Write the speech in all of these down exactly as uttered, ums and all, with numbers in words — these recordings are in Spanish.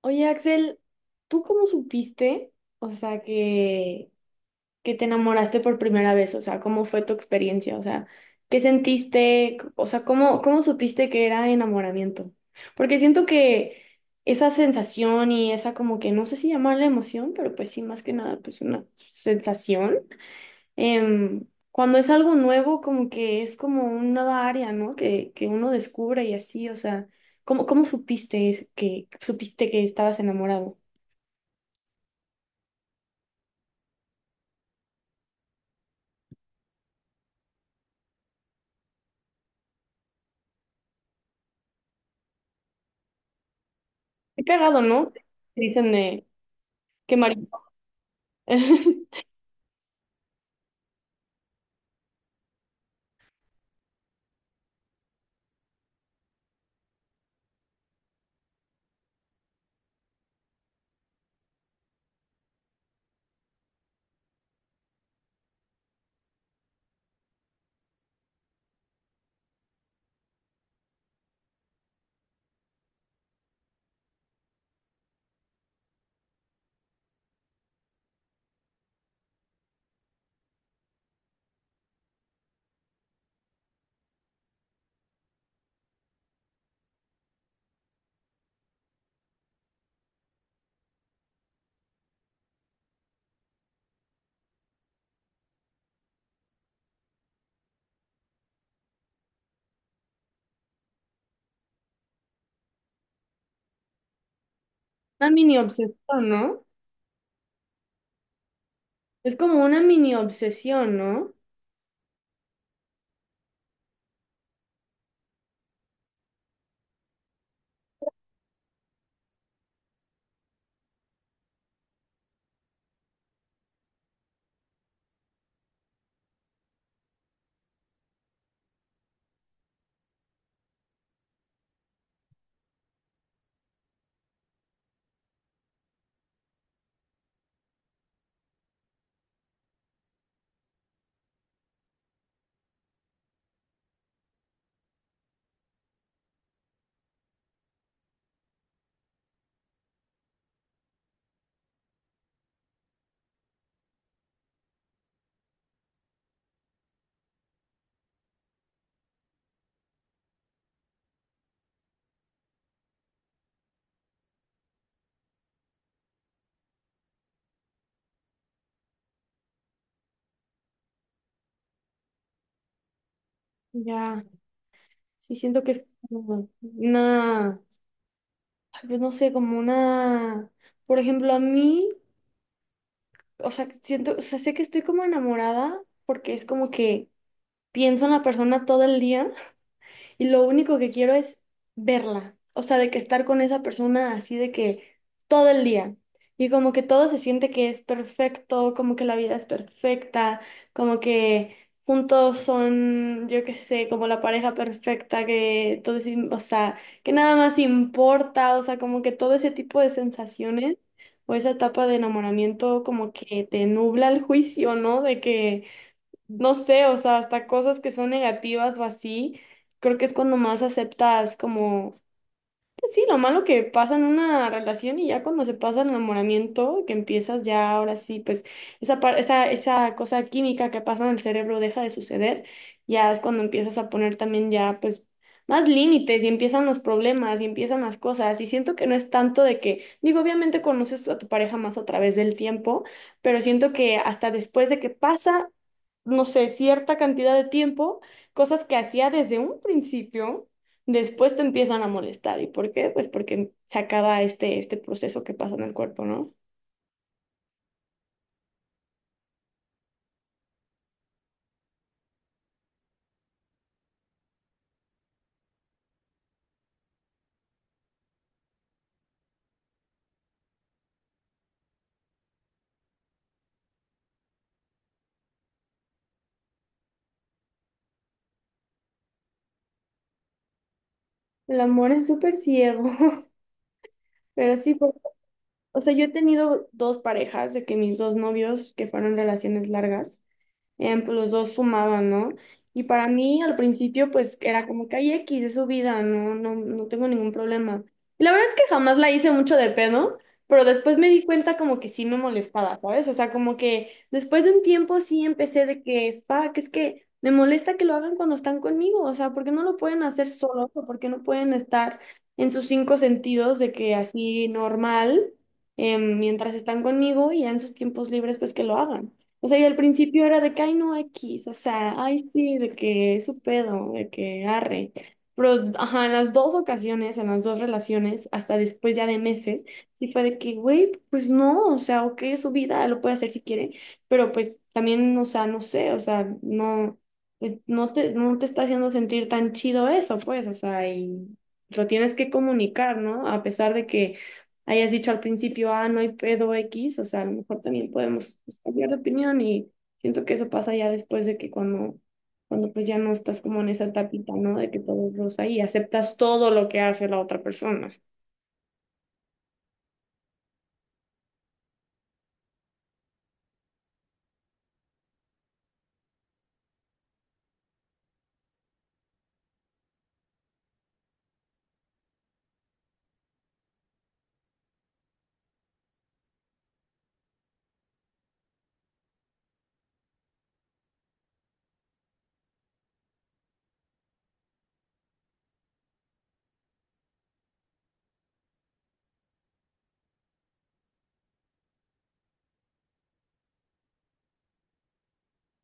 Oye, Axel, ¿tú cómo supiste, o sea, que, que te enamoraste por primera vez? O sea, ¿cómo fue tu experiencia? O sea, ¿qué sentiste? C- O sea, ¿cómo, cómo supiste que era enamoramiento? Porque siento que esa sensación y esa como que, no sé si llamarla emoción, pero pues sí, más que nada, pues una sensación. em, Cuando es algo nuevo, como que es como una nueva área, ¿no? Que, que uno descubre y así, o sea, ¿cómo, cómo supiste es- que, supiste que estabas enamorado? Qué cagado, ¿no? Dicen de qué marido. Una mini obsesión, ¿no? Es como una mini obsesión, ¿no? Ya, sí siento que es como una, tal vez no sé, como una, por ejemplo, a mí, o sea, siento, o sea, sé que estoy como enamorada porque es como que pienso en la persona todo el día y lo único que quiero es verla, o sea, de que estar con esa persona así de que todo el día. Y como que todo se siente que es perfecto, como que la vida es perfecta, como que juntos son, yo qué sé, como la pareja perfecta, que todo es, im- o sea, que nada más importa, o sea, como que todo ese tipo de sensaciones o esa etapa de enamoramiento como que te nubla el juicio, ¿no? De que no sé, o sea, hasta cosas que son negativas o así, creo que es cuando más aceptas como sí, lo malo que pasan una relación y ya cuando se pasa el enamoramiento, que empiezas ya ahora sí, pues esa, par- esa, esa cosa química que pasa en el cerebro deja de suceder, ya es cuando empiezas a poner también ya pues más límites y empiezan los problemas y empiezan las cosas y siento que no es tanto de que, digo, obviamente conoces a tu pareja más a través del tiempo, pero siento que hasta después de que pasa, no sé, cierta cantidad de tiempo, cosas que hacía desde un principio. Después te empiezan a molestar. ¿Y por qué? Pues porque se acaba este, este proceso que pasa en el cuerpo, ¿no? El amor es súper ciego, pero sí, pues, o sea, yo he tenido dos parejas de que mis dos novios que fueron relaciones largas. Bien, pues los dos fumaban, ¿no? Y para mí al principio pues era como que hay X, es su vida, no, no, no tengo ningún problema. Y la verdad es que jamás la hice mucho de pedo, pero después me di cuenta como que sí me molestaba, ¿sabes? O sea, como que después de un tiempo sí empecé de que, fuck, es que me molesta que lo hagan cuando están conmigo, o sea, ¿por qué no lo pueden hacer solos o por qué no pueden estar en sus cinco sentidos de que así normal, em, mientras están conmigo y ya en sus tiempos libres pues que lo hagan? O sea, y al principio era de que, ay, no, X, o sea, ay, sí, de que es su pedo, de que arre. Pero, ajá, en las dos ocasiones, en las dos relaciones, hasta después ya de meses, sí fue de que, güey, pues no, o sea, ok, es su vida, lo puede hacer si quiere, pero pues también, o sea, no sé, o sea, no, pues no te, no te está haciendo sentir tan chido eso, pues, o sea, y lo tienes que comunicar, ¿no? A pesar de que hayas dicho al principio, ah, no hay pedo X, o sea, a lo mejor también podemos pues, cambiar de opinión y siento que eso pasa ya después de que cuando, cuando pues ya no estás como en esa tapita, ¿no? De que todo es rosa y aceptas todo lo que hace la otra persona.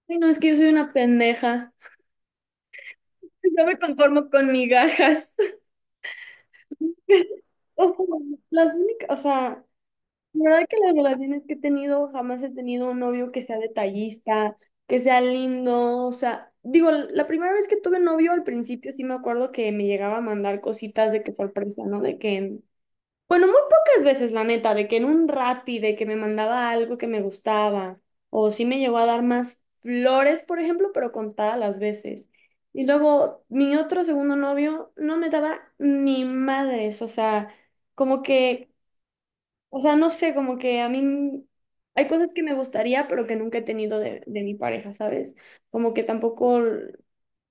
Ay, no, es que yo soy una pendeja. Yo me conformo con migajas. Las únicas, o sea, la verdad que las relaciones que he tenido, jamás he tenido un novio que sea detallista, que sea lindo, o sea, digo, la primera vez que tuve novio al principio sí me acuerdo que me llegaba a mandar cositas de que sorpresa, ¿no? De que, en- bueno, muy pocas veces, la neta, de que en un Rappi, de que me mandaba algo que me gustaba, o sí me llegó a dar más flores, por ejemplo, pero contadas las veces. Y luego mi otro segundo novio no me daba ni madres, o sea como que o sea, no sé, como que a mí hay cosas que me gustaría, pero que nunca he tenido de, de mi pareja, ¿sabes? Como que tampoco l-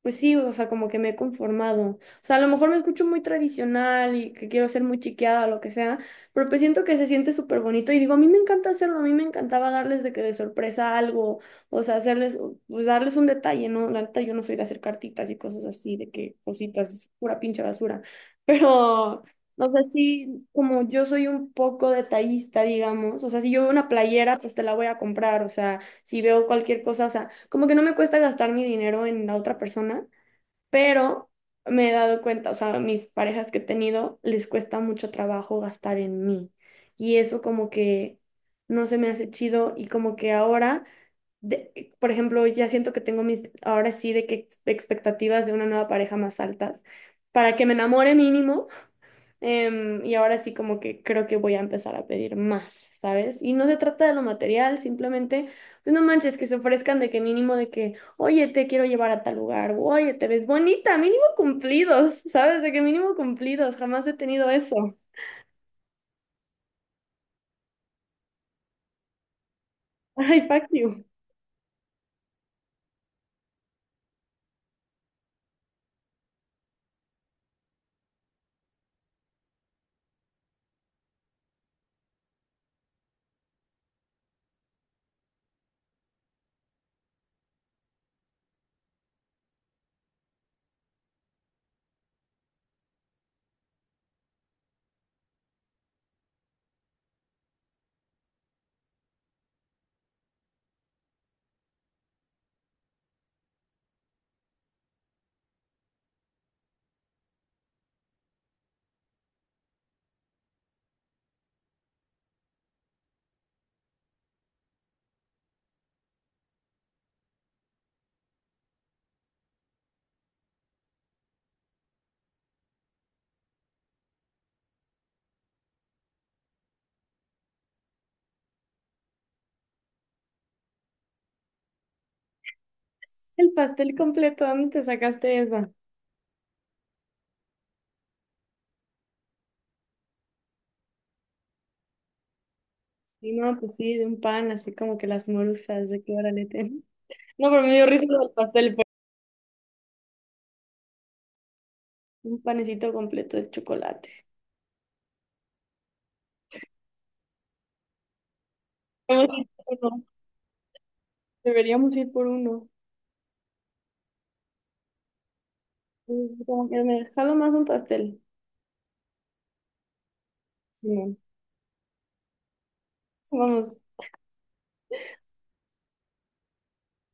pues sí, o sea, como que me he conformado. O sea, a lo mejor me escucho muy tradicional y que quiero ser muy chiqueada o lo que sea, pero pues siento que se siente súper bonito y digo, a mí me encanta hacerlo, a mí me encantaba darles de que de sorpresa algo, o sea, hacerles, pues darles un detalle, ¿no? La neta, yo no soy de hacer cartitas y cosas así, de que cositas, es pura pinche basura, pero, o sea, sí, como yo soy un poco detallista, digamos, o sea, si yo veo una playera, pues te la voy a comprar, o sea si veo cualquier cosa, o sea, como que no me cuesta gastar mi dinero en la otra persona, pero me he dado cuenta, o sea, mis parejas que he tenido les cuesta mucho trabajo gastar en mí. Y eso como que no se me hace chido y como que ahora, de- eh, por ejemplo, ya siento que tengo mis, ahora sí, de que ex- expectativas de una nueva pareja más altas, para que me enamore mínimo. Em, y ahora sí como que creo que voy a empezar a pedir más, ¿sabes? Y no se trata de lo material, simplemente, pues no manches, que se ofrezcan de que mínimo de que, oye, te quiero llevar a tal lugar, o, oye, te ves bonita, mínimo cumplidos, ¿sabes? De que mínimo cumplidos, jamás he tenido eso. Ay, fuck you. El pastel completo, ¿dónde te sacaste esa? Y no, pues sí, de un pan, así como que las moruscas, de que órale, ten. No, pero me dio risa lo del pastel, pues. Un panecito completo de chocolate. Vamos a ir por uno. Deberíamos ir por uno. Es como que me jalo más un pastel. Simón. Vamos,